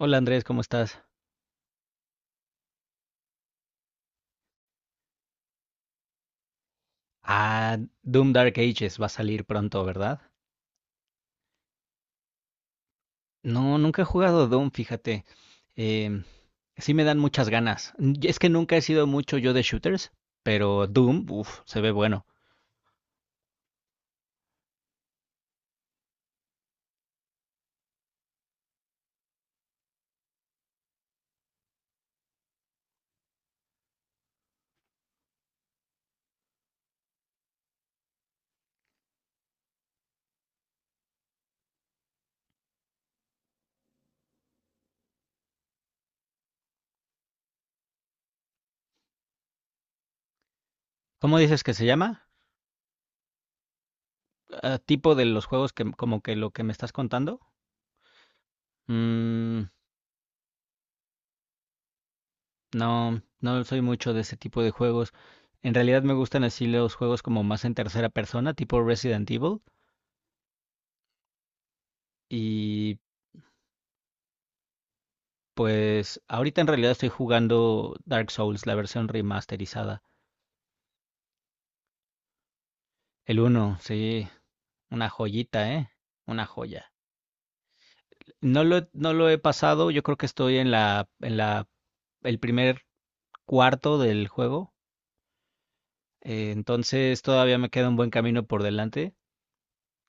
Hola Andrés, ¿cómo estás? Ah, Doom Dark Ages va a salir pronto, ¿verdad? No, nunca he jugado Doom, fíjate. Em, sí me dan muchas ganas. Y es que nunca he sido mucho yo de shooters, pero Doom, uff, se ve bueno. ¿Cómo dices que se llama? Ah, tipo de los juegos que como que lo que me estás contando. Mm, no, no soy mucho de ese tipo de juegos. En realidad me gustan así los juegos como más en tercera persona, tipo Resident Evil. Pues ahorita en realidad estoy jugando Dark Souls, la versión remasterizada. El uno sí, una joyita, ¿eh? Una joya. No lo he pasado, yo creo que estoy en la, el primer cuarto del juego, entonces todavía me queda un buen camino por delante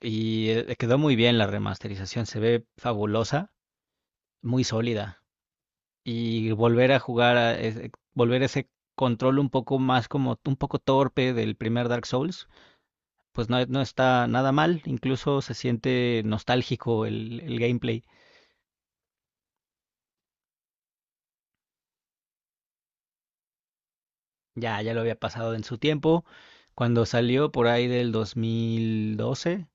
y quedó muy bien la remasterización, se ve fabulosa, muy sólida y volver a jugar a volver ese control un poco más como un poco torpe del primer Dark Souls, pues no, no está nada mal, incluso se siente nostálgico el gameplay. Ya lo había pasado en su tiempo, cuando salió por ahí del 2012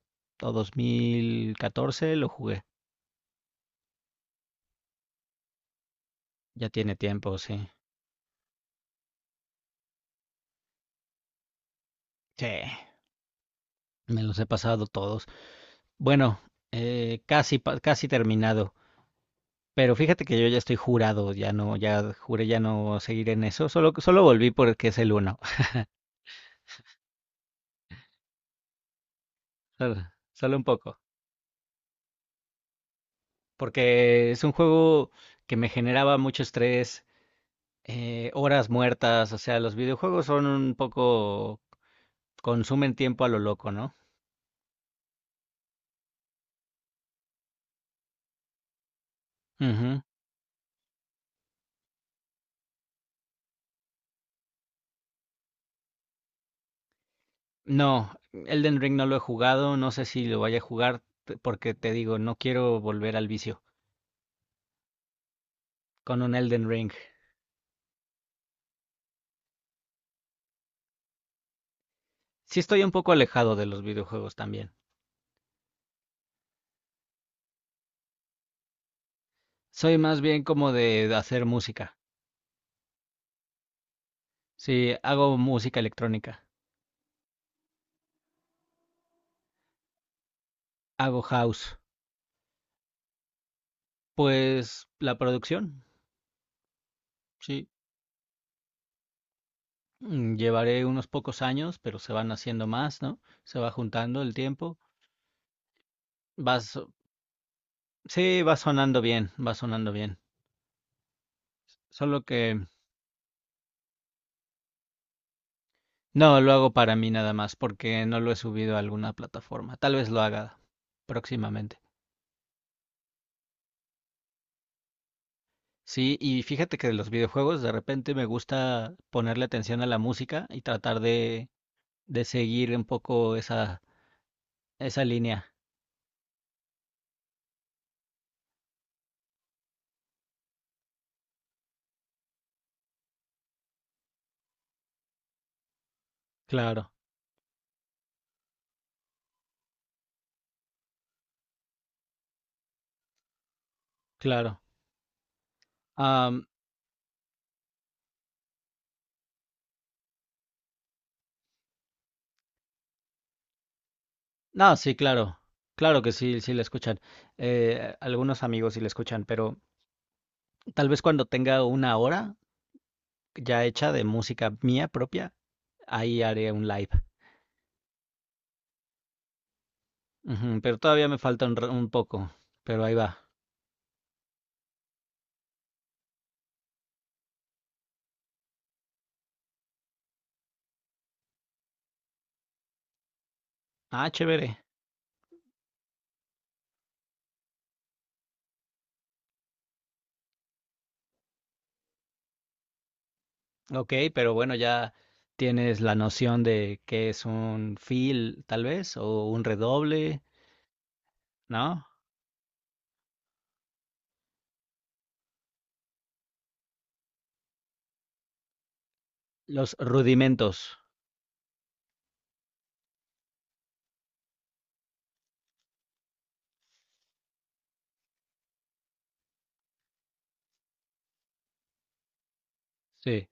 o 2014, lo jugué. Ya tiene tiempo, sí. Sí, me los he pasado todos. Bueno, casi, casi terminado. Pero fíjate que yo ya estoy jurado, ya no, ya juré ya no seguir en eso. Solo volví porque es el uno. Solo, solo un poco. Porque es un juego que me generaba mucho estrés, horas muertas, o sea, los videojuegos son un poco, consumen tiempo a lo loco, ¿no? Ujú. No, Elden Ring no lo he jugado, no sé si lo vaya a jugar porque te digo, no quiero volver al vicio con un Elden Ring. Sí estoy un poco alejado de los videojuegos también. Soy más bien como de hacer música. Sí, hago música electrónica, hago house, pues la producción, sí. Llevaré unos pocos años, pero se van haciendo más, ¿no? Se va juntando el tiempo. Vas, sí, va sonando bien, va sonando bien. Solo que no lo hago para mí nada más, porque no lo he subido a alguna plataforma. Tal vez lo haga próximamente. Sí, y fíjate que de los videojuegos de repente me gusta ponerle atención a la música y tratar de seguir un poco esa línea. Claro, claro. No, sí, claro. Claro que sí, sí la escuchan. Algunos amigos sí la escuchan, pero tal vez cuando tenga una hora ya hecha de música mía propia, ahí haré un live. Ujú, pero todavía me falta un poco, pero ahí va. Ah, chévere. Ok, pero bueno, ya tienes la noción de qué es un fill, tal vez, o un redoble, ¿no? Los rudimentos. Sí.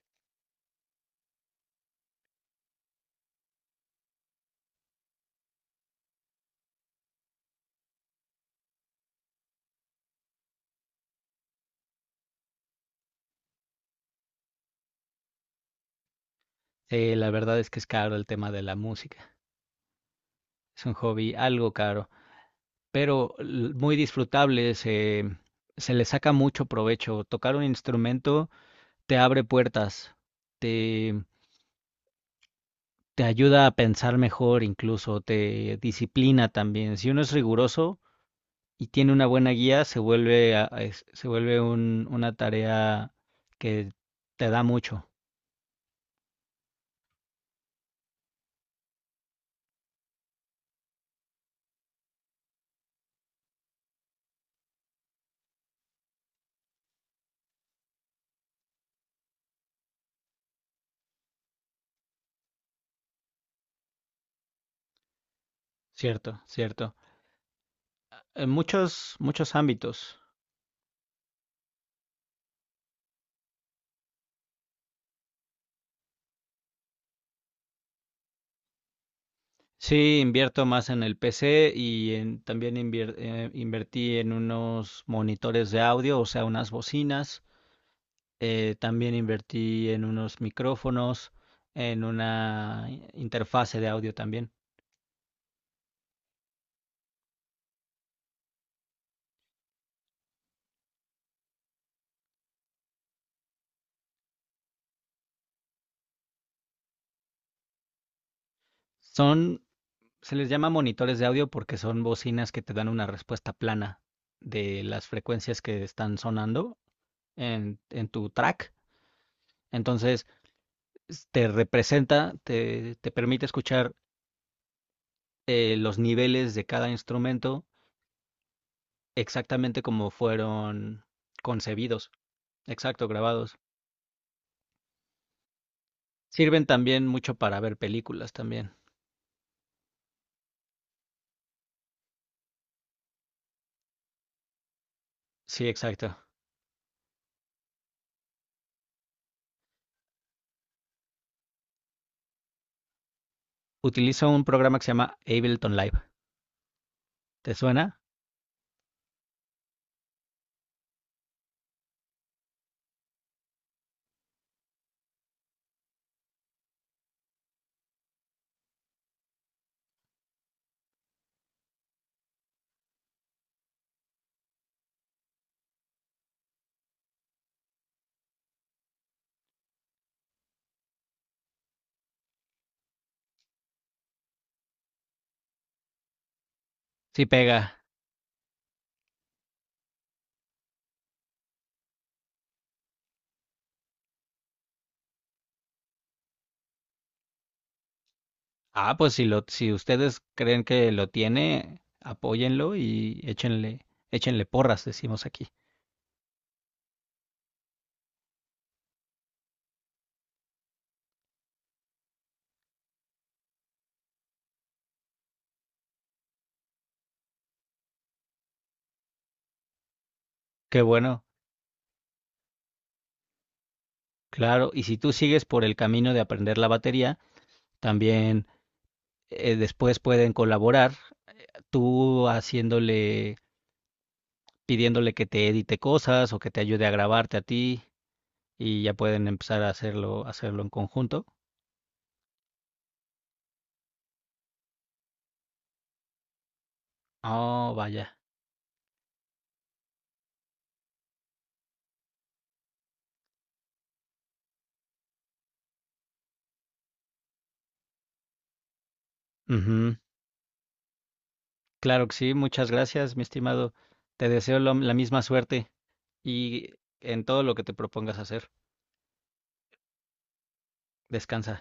Sí, la verdad es que es caro el tema de la música. Es un hobby algo caro, pero muy disfrutable, se le saca mucho provecho. Tocar un instrumento te abre puertas, te, te ayuda a pensar mejor incluso, te disciplina también. Si uno es riguroso y tiene una buena guía, se vuelve, se vuelve una tarea que te da mucho, cierto, cierto. En muchos, muchos ámbitos. Sí, invierto más en el PC y también invertí en unos monitores de audio, o sea, unas bocinas. También invertí en unos micrófonos, en una interfase de audio también. Son, se les llama monitores de audio porque son bocinas que te dan una respuesta plana de las frecuencias que están sonando en tu track. Entonces, te representa, te permite escuchar los niveles de cada instrumento exactamente como fueron concebidos, exacto, grabados. Sirven también mucho para ver películas también. Sí, exacto. Utilizo un programa que se llama Ableton Live. ¿Te suena? Sí pega. Ah, pues si lo, si ustedes creen que lo tiene, apóyenlo y échenle, échenle porras, decimos aquí. Qué bueno, claro. Y si tú sigues por el camino de aprender la batería, también después pueden colaborar, tú haciéndole pidiéndole que te edite cosas o que te ayude a grabarte a ti y ya pueden empezar a hacerlo, hacerlo en conjunto. Oh, vaya. Ujú. Claro que sí, muchas gracias, mi estimado. Te deseo la misma suerte y en todo lo que te propongas hacer. Descansa.